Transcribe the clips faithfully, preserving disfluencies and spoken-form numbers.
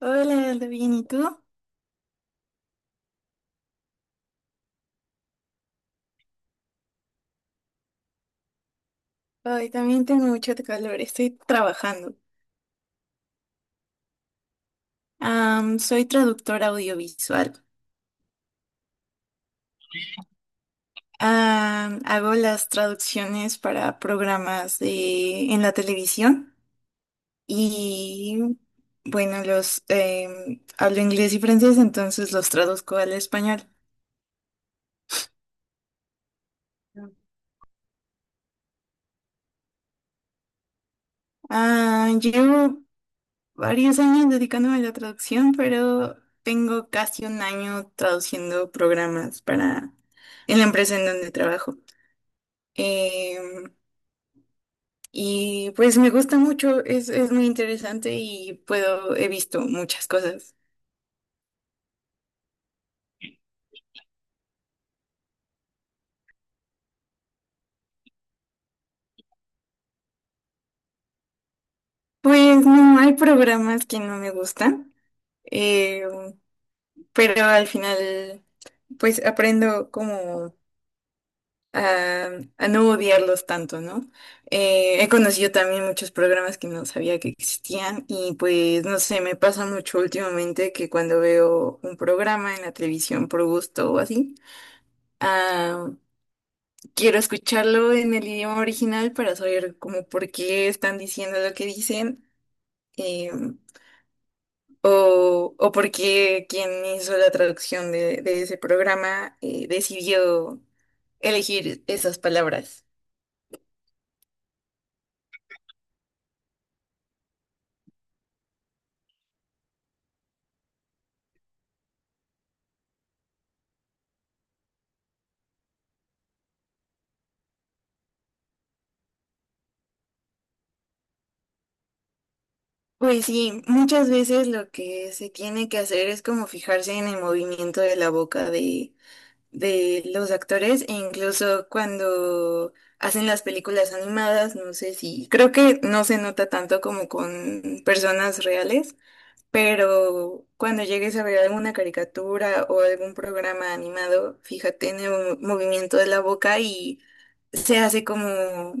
Hola, Aldo, bien, ¿y tú? Hoy también tengo mucho calor, estoy trabajando. Am, soy traductora audiovisual. Am, hago las traducciones para programas de- en la televisión y, bueno, los em, hablo inglés y francés, entonces los traduzco al español. Ah, llevo varios años dedicándome a la traducción, pero tengo casi un año traduciendo programas para en la empresa en donde trabajo. Em, y pues me gusta mucho, es, es muy interesante y puedo, he visto muchas cosas. Pues no, hay programas que no me gustan, em, pero al final pues aprendo como a, a no odiarlos tanto, ¿no? Eh, he conocido también muchos programas que no sabía que existían y pues no sé, me pasa mucho últimamente que cuando veo un programa en la televisión por gusto o así, ah, quiero escucharlo en el idioma original para saber como por qué están diciendo lo que dicen eh, o, o por qué quien hizo la traducción de, de ese programa eh, decidió elegir esas palabras. Pues sí, muchas veces lo que se tiene que hacer es como fijarse en el movimiento de la boca de, de los actores e incluso cuando hacen las películas animadas, no sé si, creo que no se nota tanto como con personas reales, pero cuando llegues a ver alguna caricatura o algún programa animado, fíjate en el movimiento de la boca y se hace como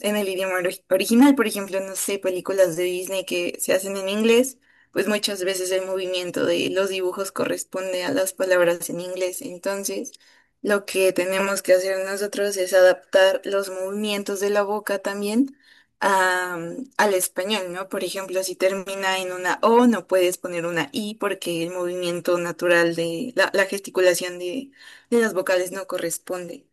en el idioma ori- original. Por ejemplo, no sé, películas de Disney que se hacen en inglés, pues muchas veces el movimiento de los dibujos corresponde a las palabras en inglés. Entonces, lo que tenemos que hacer nosotros es adaptar los movimientos de la boca también a- al español, ¿no? Por ejemplo, si termina en una O, no puedes poner una I porque el movimiento natural de la, la gesticulación de, de las vocales no corresponde.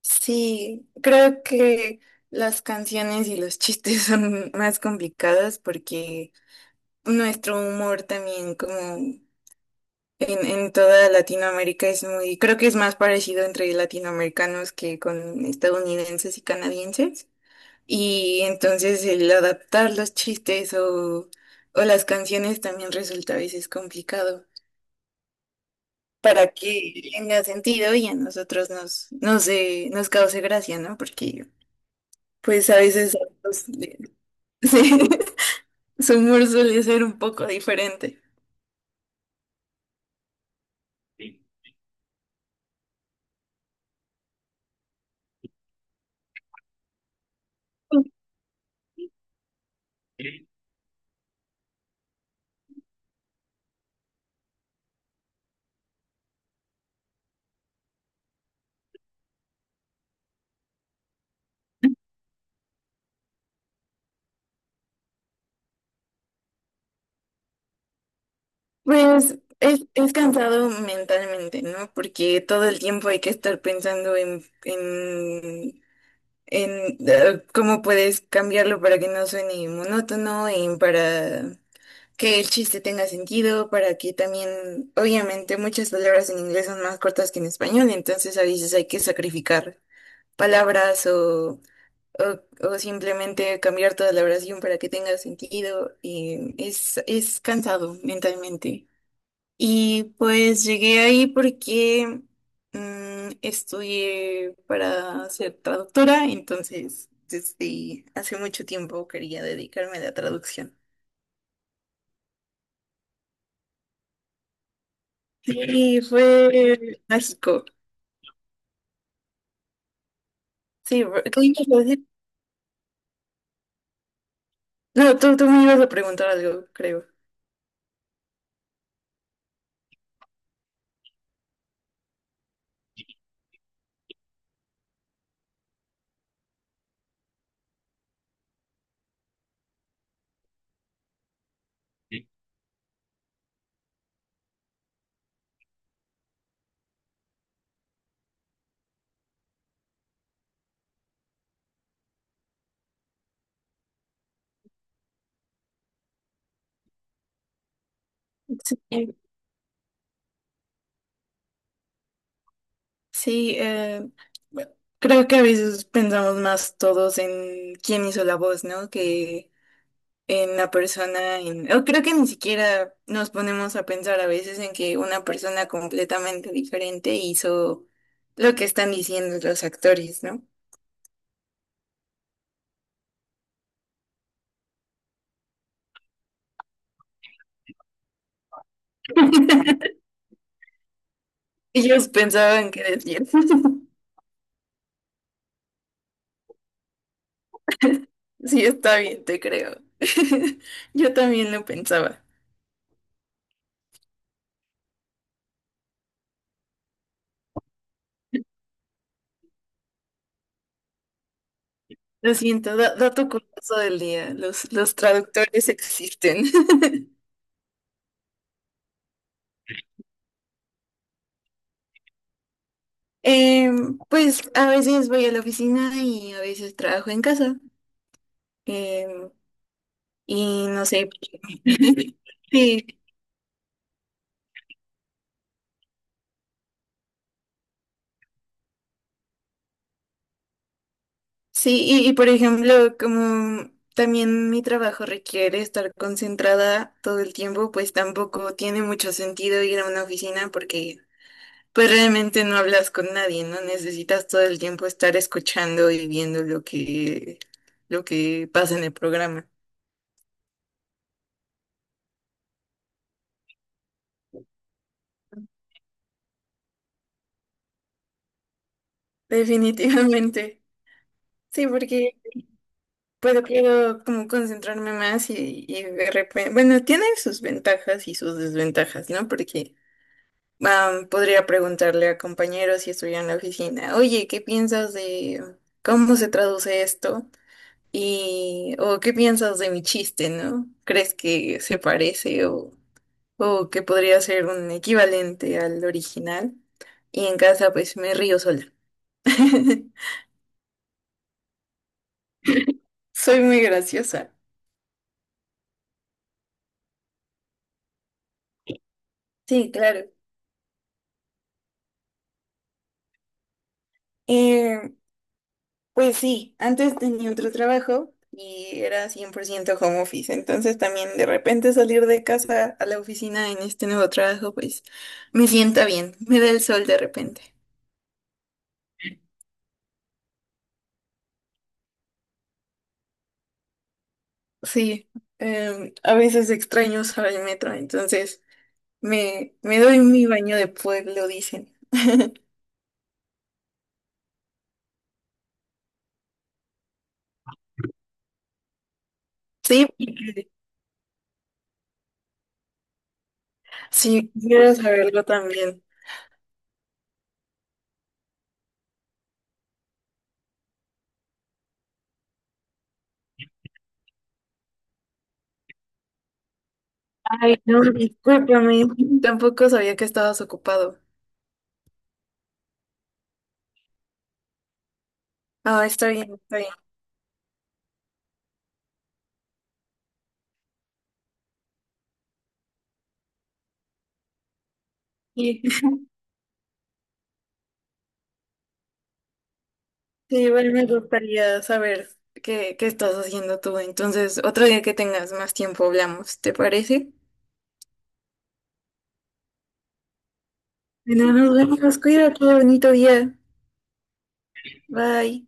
Sí, creo que las canciones y los chistes son más complicados porque nuestro humor también como en, en toda Latinoamérica es muy, creo que es más parecido entre latinoamericanos que con estadounidenses y canadienses. Y entonces el adaptar los chistes o, o las canciones también resulta a veces complicado para que tenga sentido y a nosotros nos, nos, eh, nos cause gracia, ¿no? Porque pues a veces a otros le- sí, su humor suele ser un poco diferente. Pues es, es cansado mentalmente, ¿no? Porque todo el tiempo hay que estar pensando en, en en eh, cómo puedes cambiarlo para que no suene monótono y para que el chiste tenga sentido, para que también, obviamente, muchas palabras en inglés son más cortas que en español, entonces a veces hay que sacrificar palabras o, o, o simplemente cambiar toda la oración para que tenga sentido. Y es, es cansado mentalmente. Y pues llegué ahí porque mm, estudié para ser traductora, entonces desde hace mucho tiempo quería dedicarme a la traducción. Sí, fue México. Sí, bro- ¿qué ibas a decir? No, tú, tú me ibas a preguntar algo, creo. Sí, sí, eh, bueno, creo que a veces pensamos más todos en quién hizo la voz, ¿no? Que en la persona, en... o creo que ni siquiera nos ponemos a pensar a veces en que una persona completamente diferente hizo lo que están diciendo los actores, ¿no? Ellos pensaban que decían. Sí, está bien, te creo. Yo también lo pensaba. Lo siento, da- dato curioso del día. Los, los traductores existen. Em, pues a veces voy a la oficina y a veces trabajo en casa. Em, y no sé. Sí, sí, y, y por ejemplo, como también mi trabajo requiere estar concentrada todo el tiempo, pues tampoco tiene mucho sentido ir a una oficina porque pues realmente no hablas con nadie, ¿no? Necesitas todo el tiempo estar escuchando y viendo lo que, lo que pasa en el programa. Definitivamente. Sí, porque puedo, quiero como concentrarme más y, y de repente, bueno, tiene sus ventajas y sus desventajas, ¿no? Porque ah, podría preguntarle a compañeros si estuviera en la oficina, oye, ¿qué piensas de cómo se traduce esto? Y, o ¿qué piensas de mi chiste, ¿no? ¿Crees que se parece o... o que podría ser un equivalente al original. Y en casa pues me río sola. Soy muy graciosa. Sí, claro. Eh, pues sí, antes tenía otro trabajo y era cien por ciento home office. Entonces también de repente salir de casa a la oficina en este nuevo trabajo pues me sienta bien, me da el sol de repente. Sí, em, a veces extraño usar el metro, entonces me, me doy mi baño de pueblo, dicen. Sí, sí, quiero saberlo también. Ay, no, discúlpame. Tampoco sabía que estabas ocupado. Ah, está bien, está bien. Y- Sí, igual me gustaría saber qué, qué estás haciendo tú. Entonces, otro día que tengas más tiempo hablamos, ¿te parece? Bueno, nos vemos. Cuídate, bonito día. Bye.